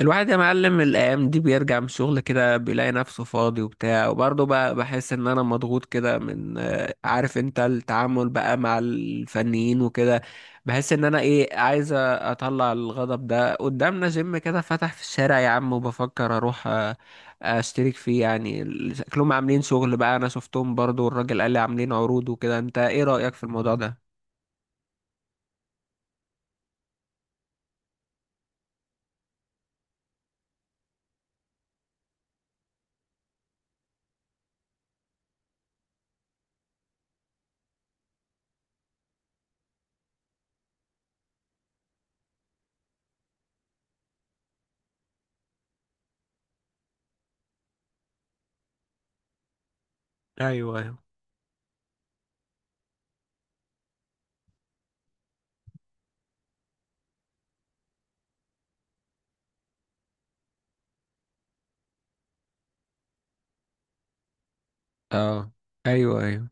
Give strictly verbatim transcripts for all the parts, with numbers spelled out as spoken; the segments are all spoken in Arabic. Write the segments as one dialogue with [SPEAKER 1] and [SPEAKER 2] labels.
[SPEAKER 1] الواحد يا معلم، الايام دي بيرجع من الشغل كده بيلاقي نفسه فاضي وبتاع. وبرضه بقى بحس ان انا مضغوط كده من آه، عارف انت، التعامل بقى مع الفنيين وكده. بحس ان انا ايه، عايز اطلع الغضب ده. قدامنا جيم كده فتح في الشارع يا عم، وبفكر اروح آه، اشترك فيه. يعني ال- شكلهم عاملين شغل بقى، انا شفتهم برضه، والراجل قال لي عاملين عروض وكده. انت ايه رأيك في الموضوع ده؟ ايوه ايوه. اه. ايوه ايوه.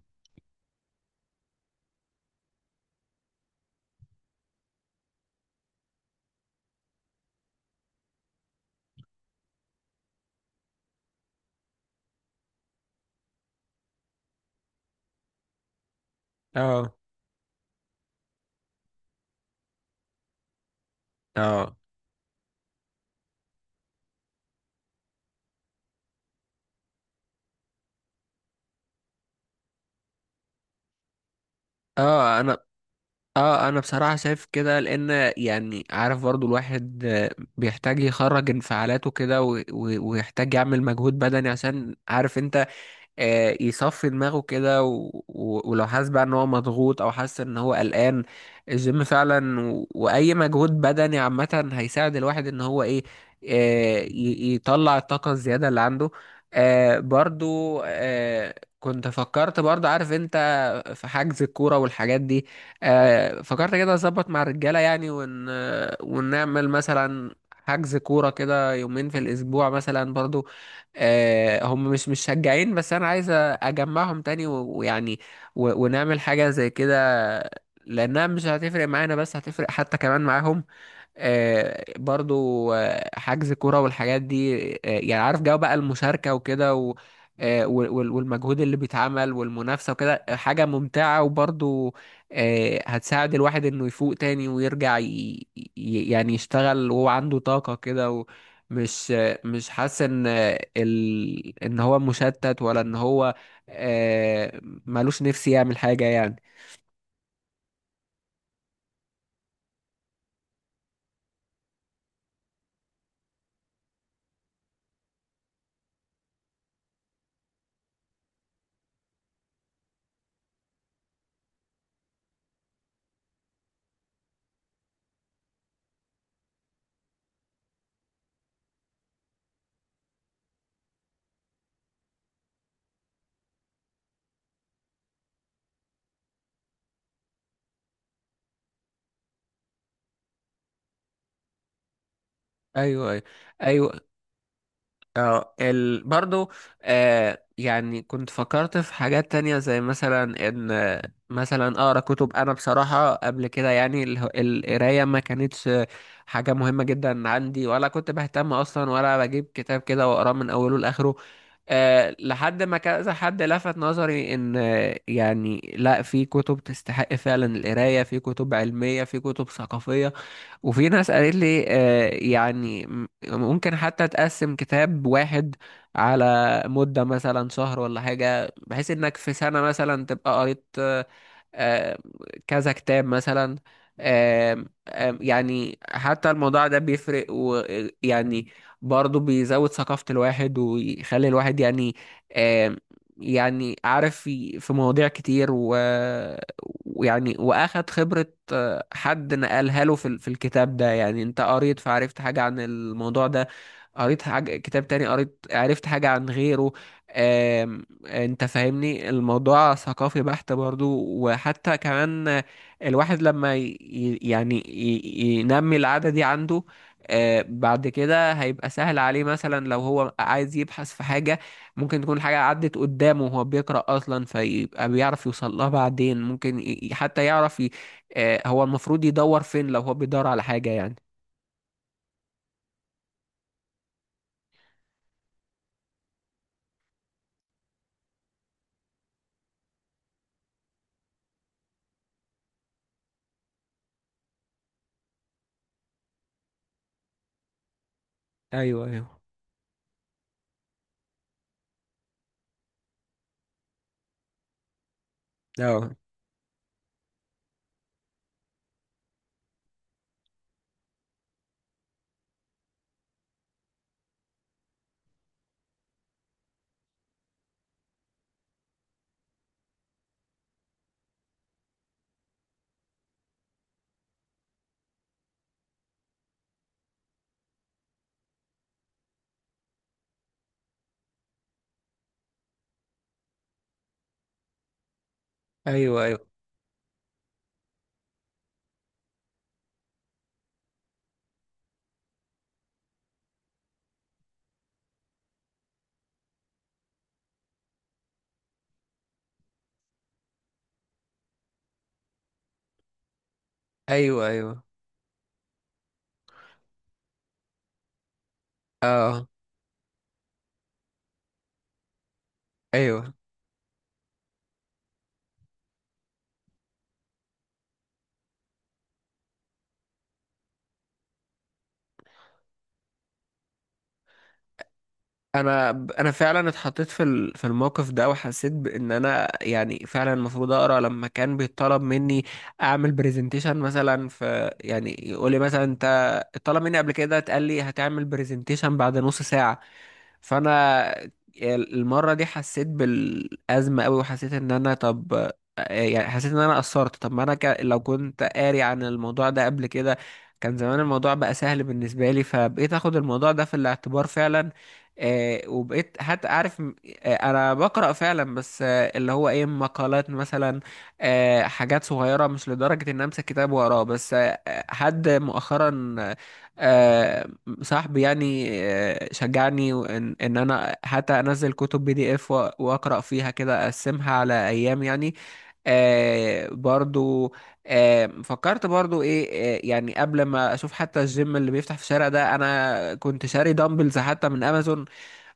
[SPEAKER 1] اه. اه. اه، انا اه انا بصراحة شايف كده، لان يعني عارف برضو الواحد آه، بيحتاج يخرج انفعالاته كده، و- و- ويحتاج يعمل مجهود بدني عشان عارف انت آه، يصفي دماغه كده، و... و... ولو حاسس بقى ان هو مضغوط او حاسس ان هو قلقان، الجيم فعلا و... واي مجهود بدني عامة هيساعد الواحد ان هو ايه، آه، ي... يطلع الطاقة الزيادة اللي عنده. آه، برضو آه، كنت فكرت برضو عارف انت في حجز الكورة والحاجات دي. آه، فكرت كده اظبط مع الرجالة، يعني ون... ونعمل مثلا حجز كورة كده يومين في الأسبوع مثلا برضو. آه، هم مش مشجعين، بس انا عايز اجمعهم تاني و- ويعني و- ونعمل حاجة زي كده، لانها مش هتفرق معانا بس هتفرق حتى كمان معاهم. آه، برضو آه، حجز كرة والحاجات دي، آه، يعني عارف جو بقى المشاركة وكده، و آه، وال- وال- والمجهود اللي بيتعمل والمنافسة وكده، آه، حاجة ممتعة، وبرضو آه، هتساعد الواحد انه يفوق تاني ويرجع ي... ي- يعني يشتغل وهو عنده طاقة كده، ومش آه، مش حاسس ان آه، ال... ان هو مشتت، ولا ان هو آه، ملوش نفسي يعمل حاجة يعني. ايوه ايوه. ايوه. اه ال... برضو آه يعني كنت فكرت في حاجات تانية، زي مثلا ان آه، مثلا اقرا كتب. انا بصراحة قبل كده يعني اله- القراية ما كانتش حاجة مهمة جدا عندي، ولا كنت بهتم اصلا، ولا بجيب كتاب كده واقراه من اوله لاخره. آه لحد ما كذا حد لفت نظري ان آه، يعني لا، في كتب تستحق فعلا القراية، في كتب علمية، في كتب ثقافية. وفي ناس قالت لي آه، يعني م- ممكن حتى تقسم كتاب واحد على مدة مثلا شهر ولا حاجة، بحيث انك في سنة مثلا تبقى قريت آه، كذا كتاب مثلا. آم، آم، يعني حتى الموضوع ده بيفرق ويعني برضه بيزود ثقافة الواحد، ويخلي الواحد يعني آم، يعني عارف، في في مواضيع كتير و- ويعني وأخد خبرة آه، حد نقلها له في ال- في الكتاب ده. يعني أنت قريت فعرفت حاجة عن الموضوع ده، قريت حاجة كتاب تاني قريت عرفت حاجة عن غيره. انت فاهمني، الموضوع ثقافي بحت برضو. وحتى كمان الواحد لما ي... ي- يعني ي... ينمي العادة دي عنده، آه، بعد كده هيبقى سهل عليه مثلا لو هو عايز يبحث في حاجة، ممكن تكون حاجة عدت قدامه وهو بيقرأ أصلا، فيبقى بيعرف يوصل لها بعدين. ممكن ي... ي- حتى يعرف ي... آه، هو المفروض يدور فين لو هو بيدور على حاجة يعني. أيوه أيوه. أه. أيوه أيوه. أيوه أيوه. أه. أيوه. انا انا فعلا اتحطيت في ال- في الموقف ده، وحسيت بان انا يعني فعلا المفروض اقرا. لما كان بيطلب مني اعمل برزنتيشن مثلا، في يعني يقول لي مثلا انت، طلب مني قبل كده، اتقال لي هتعمل برزنتيشن بعد نص ساعه. فانا المره دي حسيت بالازمه قوي، وحسيت ان انا، طب يعني حسيت ان انا قصرت. طب ما انا ك... لو كنت قاري عن الموضوع ده قبل كده، كان زمان الموضوع بقى سهل بالنسبه لي، فبقيت اخد الموضوع ده في الاعتبار فعلا. آه وبقيت حتى عارف م- آه انا بقرا فعلا، بس آه اللي هو ايه، مقالات مثلا، آه حاجات صغيره، مش لدرجه ان امسك كتاب واقراه. بس آه حد مؤخرا، آه صاحبي يعني، آه، شجعني ان ان انا حتى انزل كتب بي دي اف، واقرا فيها كده، اقسمها على ايام يعني. آه برضو آه فكرت برضو ايه، آه يعني قبل ما اشوف حتى الجيم اللي بيفتح في الشارع ده، انا كنت شاري دامبلز حتى من امازون،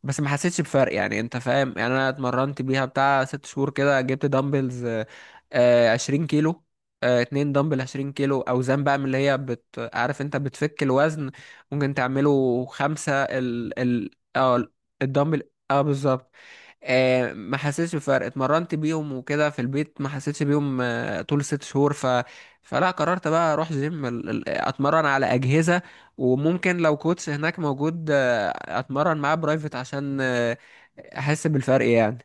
[SPEAKER 1] بس ما حسيتش بفرق. يعني انت فاهم، يعني انا اتمرنت بيها بتاع ست شهور كده. جبت دمبلز آه، عشرين كيلو، آه، اتنين دمبل عشرين كيلو، اوزان بقى من اللي هي بت... عارف انت بتفك الوزن. ممكن تعمله خمسة ال ال اه الدمبل اه بالظبط. آه، ما حسيتش بفرق، اتمرنت بيهم وكده في البيت ما حسيتش بيهم آه، طول ست شهور. ف... فلا قررت بقى اروح جيم، ال- ال- اتمرن على اجهزه، وممكن لو كوتش هناك موجود آه، اتمرن معاه برايفت عشان آه، احس بالفرق يعني.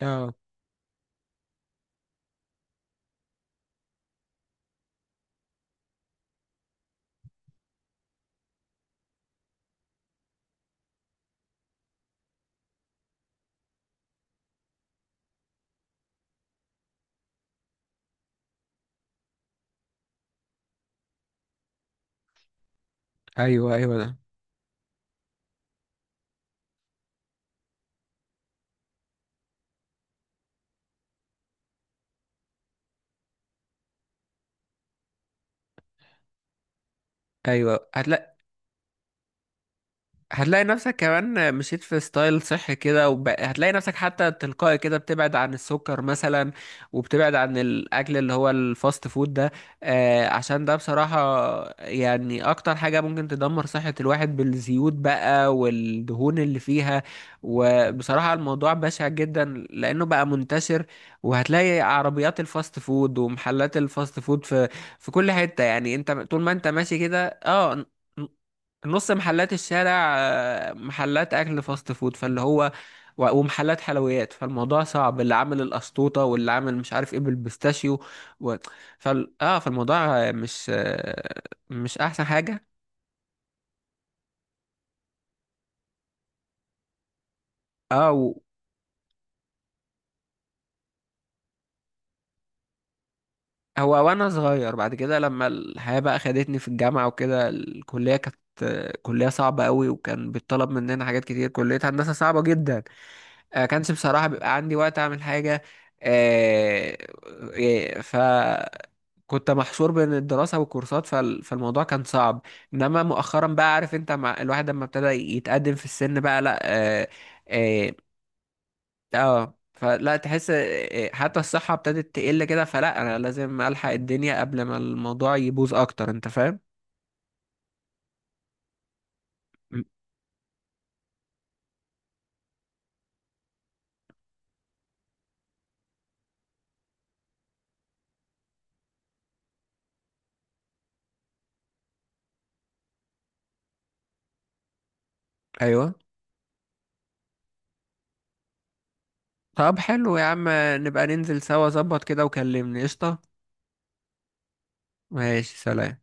[SPEAKER 1] اه. ايوه ايوه ده. ايوه. هتلاقي. هتلاقي نفسك كمان مشيت في ستايل صحي كده، وب... هتلاقي نفسك حتى تلقائي كده بتبعد عن السكر مثلا، وبتبعد عن الاكل اللي هو الفاست فود ده. آه عشان ده بصراحة يعني اكتر حاجة ممكن تدمر صحة الواحد، بالزيوت بقى والدهون اللي فيها. وبصراحة الموضوع بشع جدا لانه بقى منتشر، وهتلاقي عربيات الفاست فود ومحلات الفاست فود في في كل حتة. يعني انت طول ما انت ماشي كده، اه، نص محلات الشارع آه، محلات اكل فاست فود، فاللي هو و- ومحلات حلويات. فالموضوع صعب، اللي عامل القشطوطه واللي عامل مش عارف ايه بالبيستاشيو، و... فال... اه فالموضوع آه، مش آه، مش احسن حاجه. اه و... هو وانا صغير. بعد كده لما الحياه بقى خدتني في الجامعه وكده، الكليه كانت آه، كليه صعبه قوي، وكان بيطلب مننا حاجات كتير، كليه هندسه صعبه جدا. آه، كانش بصراحه بيبقى عندي وقت اعمل حاجه. آه، آه، ف كنت محشور بين الدراسة والكورسات، فال... فالموضوع كان صعب. انما مؤخرا بقى عارف انت، مع الواحد لما ابتدى يتقدم في السن بقى، لا. اه. اه, آه فلا تحس، آه، حتى الصحة ابتدت تقل كده، فلا انا لازم الحق الدنيا قبل ما الموضوع يبوظ اكتر. انت فاهم. م. ايوه. طب حلو يا عم، نبقى ننزل سوا، ظبط كده وكلمني قشطة. ماشي سلام.